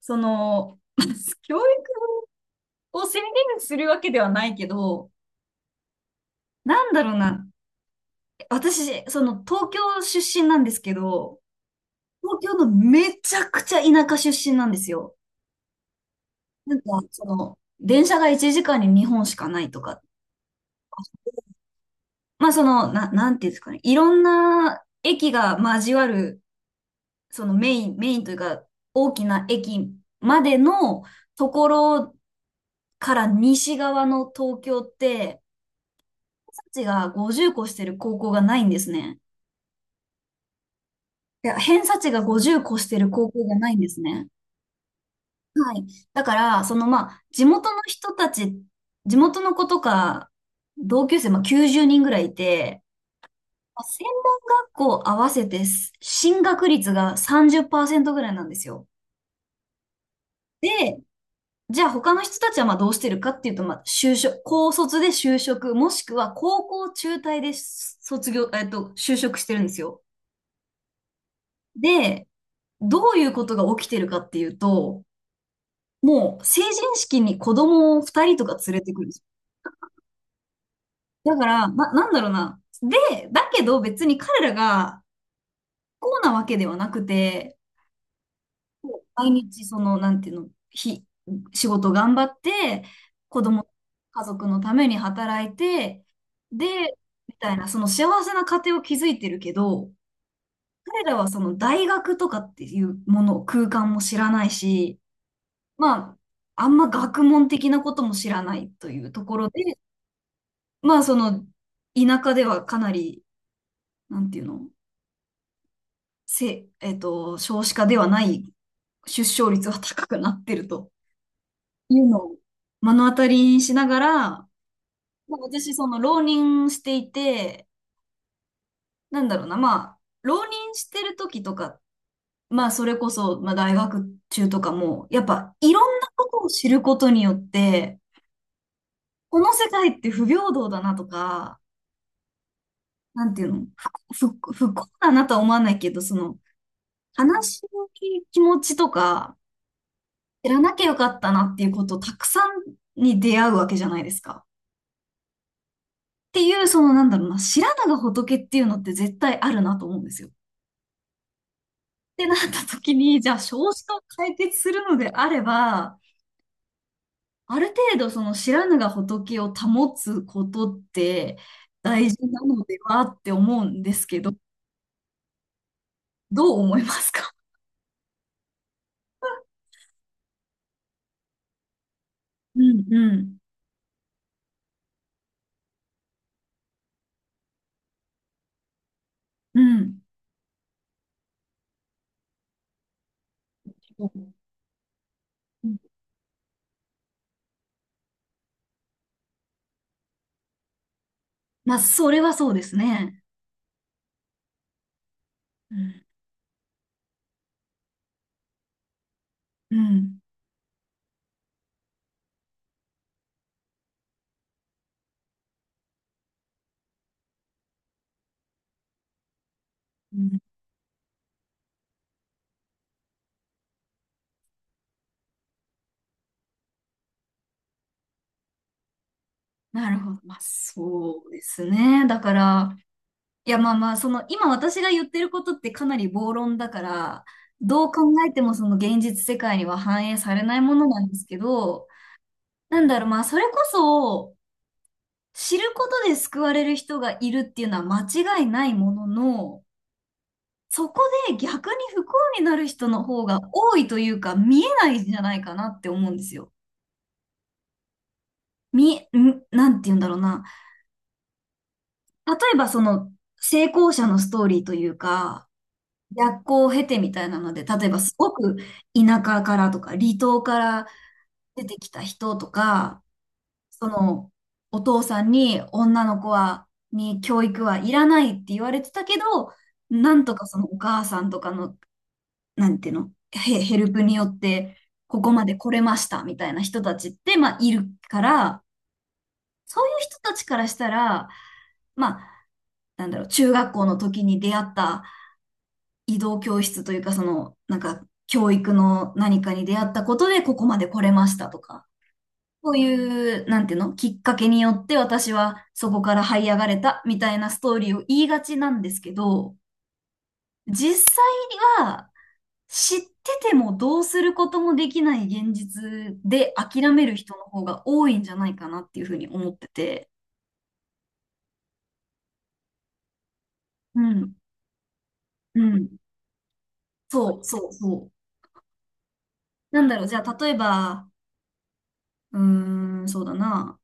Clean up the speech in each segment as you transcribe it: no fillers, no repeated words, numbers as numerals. その、教育を宣言するわけではないけど、なんだろうな。私、東京出身なんですけど、東京のめちゃくちゃ田舎出身なんですよ。電車が1時間に2本しかないとか、まあなんていうんですかね。いろんな駅が交わる、メインというか、大きな駅までのところから西側の東京って、偏差値が50個してる高校がないんですね。いや、偏差値が50個してる高校がないんですね。だから、まあ、地元の人たち、地元の子とか、同級生、まあ、90人ぐらいいて、まあ専門学校合わせて進学率が30%ぐらいなんですよ。で、じゃあ他の人たちはまあどうしてるかっていうと、まあ、就職、高卒で就職、もしくは高校中退で卒業、就職してるんですよ。で、どういうことが起きてるかっていうと、もう成人式に子供を2人とか連れてくるんですよ。だから、なんだろうな。で、だけど別に彼らがこうなわけではなくて、毎日その、なんていうの、ひ、仕事頑張って、子供、家族のために働いて、で、みたいな、幸せな家庭を築いてるけど、彼らは大学とかっていうもの、空間も知らないし、まあ、あんま学問的なことも知らないというところで、まあ、田舎ではかなり、なんていうの、せ、えっと、少子化ではない出生率は高くなってるというのを目の当たりにしながら、まあ、私、浪人していて、なんだろうな、まあ、浪人してる時とか、まあ、それこそ、まあ、大学中とかも、やっぱ、いろんなことを知ることによって、この世界って不平等だなとか、なんていうの、不幸だなとは思わないけど、悲しい気持ちとか、知らなきゃよかったなっていうことをたくさんに出会うわけじゃないですか。っていう、なんだろうな、知らぬが仏っていうのって絶対あるなと思うんですよ。ってなった時に、じゃあ、少子化を解決するのであれば、ある程度、知らぬが仏を保つことって大事なのではって思うんですけど、どう思いますか？うん、うん、うん。まあ、それはそうですね。うん。うん。うん。なるほど。まあ、そうですね。だから、いや、まあまあ、今私が言ってることってかなり暴論だから、どう考えてもその現実世界には反映されないものなんですけど、なんだろう、まあ、それこそ、知ることで救われる人がいるっていうのは間違いないものの、そこで逆に不幸になる人の方が多いというか、見えないんじゃないかなって思うんですよ。み、ん、なんて言うんだろうな。例えば成功者のストーリーというか、逆行を経てみたいなので、例えばすごく田舎からとか離島から出てきた人とか、そのお父さんに女の子に教育はいらないって言われてたけど、なんとかお母さんとかの、なんていうの、ヘ、ヘルプによってここまで来れましたみたいな人たちって、まあいるから、そういう人たちからしたら、まあ、なんだろう、中学校の時に出会った移動教室というか、教育の何かに出会ったことでここまで来れましたとか、そういう、なんていうの、きっかけによって私はそこから這い上がれたみたいなストーリーを言いがちなんですけど、実際には知っててもどうすることもできない現実で諦める人の方が多いんじゃないかなっていうふうに思ってて。うん、うん。そう、そう、そう。なんだろう、じゃあ例えば、うーん、そうだな。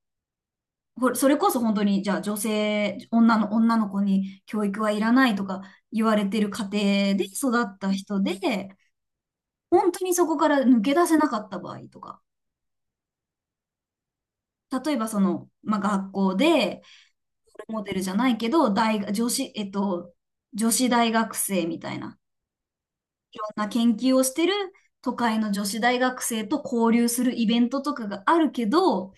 それこそ本当に、じゃあ女の子に教育はいらないとか言われてる家庭で育った人で、本当にそこから抜け出せなかった場合とか、例えばまあ、学校で、モデルじゃないけど、大学、女子、えっと、女子大学生みたいな、いろんな研究をしてる都会の女子大学生と交流するイベントとかがあるけど、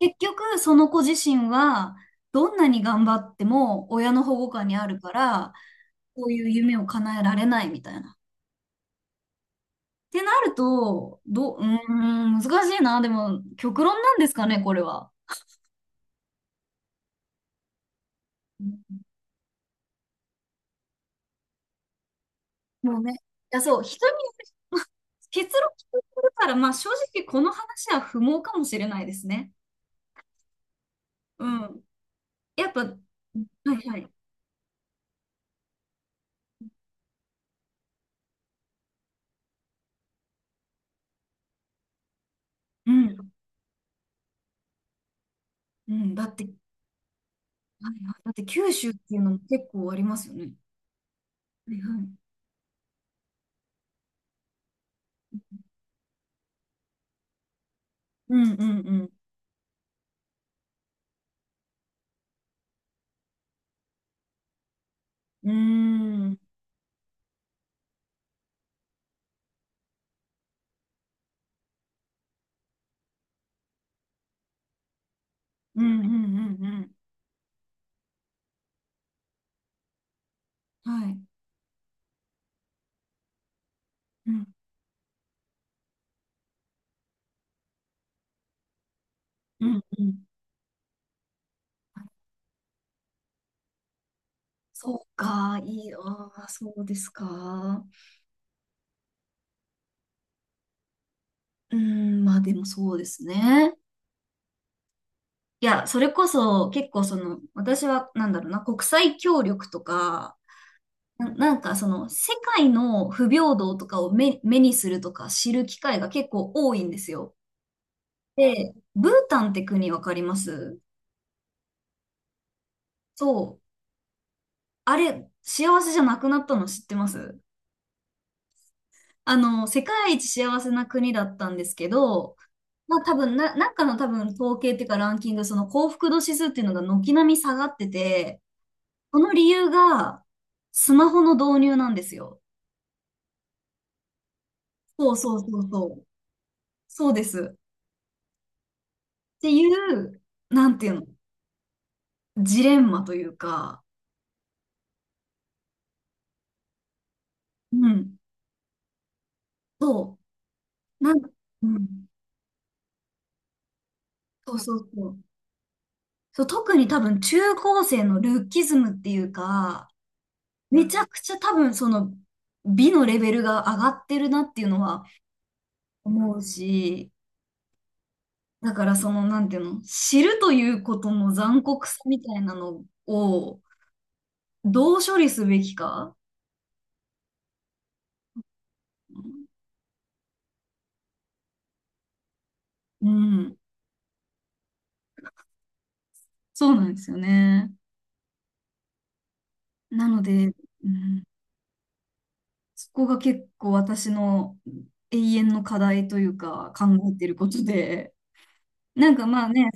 結局その子自身は、どんなに頑張っても親の保護下にあるから、こういう夢を叶えられないみたいな。ってなると、うーん、難しいな。でも、極論なんですかね、これは。もうね、いや、そう、人に結論聞いてるから、まあ正直この話は不毛かもしれないですね。うん。やっぱ、はいはい。うん。うん。だって、はいはい、だって九州っていうのも結構ありますよね。はいはい。うんうんうん。うーん。うんうんうんうん。はい。うんうんうん。そうか、ああ、そうですか。うん、まあでもそうですね。いや、それこそ結構私はなんだろうな、国際協力とか、なんか世界の不平等とかを目にするとか知る機会が結構多いんですよ。で、ブータンって国わかります？そう。あれ、幸せじゃなくなったの知ってます？世界一幸せな国だったんですけど、まあ多分なんかの多分統計っていうかランキング、幸福度指数っていうのが軒並み下がってて、その理由がスマホの導入なんですよ。そうそうそうそう。そうです。っていう、なんていうの、ジレンマというか、うん。そう、なん、うん。そうそうそう。そう、特に多分中高生のルッキズムっていうか、めちゃくちゃ多分美のレベルが上がってるなっていうのは思うし、だからそのなんていうの、知るということの残酷さみたいなのをどう処理すべきか。うん、そうなんですよね。なので、うん、そこが結構私の永遠の課題というか考えてることで、なんかまあね、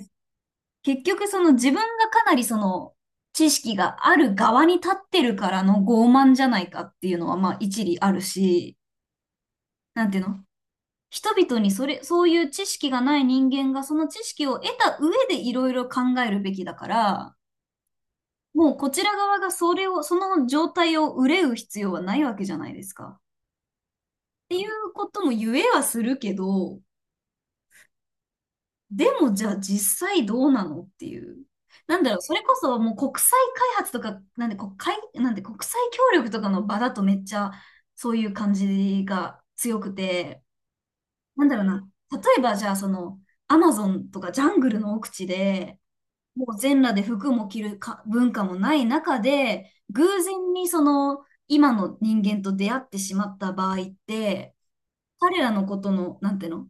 結局自分がかなり知識がある側に立ってるからの傲慢じゃないかっていうのはまあ一理あるし、なんていうの人々にそういう知識がない人間がその知識を得た上でいろいろ考えるべきだから、もうこちら側がその状態を憂う必要はないわけじゃないですか。っていうことも言えはするけど、でもじゃあ実際どうなのっていう。なんだろう、それこそもう国際開発とか、なんで国際協力とかの場だとめっちゃそういう感じが強くて、なんだろうな、例えばじゃあアマゾンとかジャングルの奥地で、もう全裸で服も着るか文化もない中で、偶然に今の人間と出会ってしまった場合って、彼らのことの、なんていうの、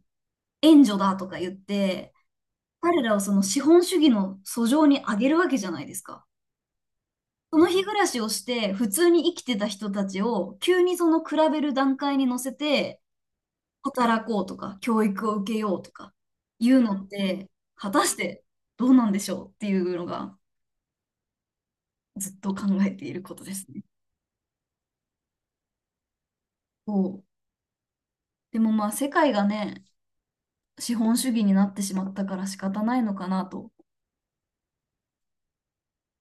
援助だとか言って、彼らを資本主義の俎上に上げるわけじゃないですか。その日暮らしをして普通に生きてた人たちを急に比べる段階に乗せて働こうとか教育を受けようとかいうのって果たしてどうなんでしょうっていうのがずっと考えていることですね。そう。でもまあ世界がね、資本主義になってしまったから仕方ないのかなと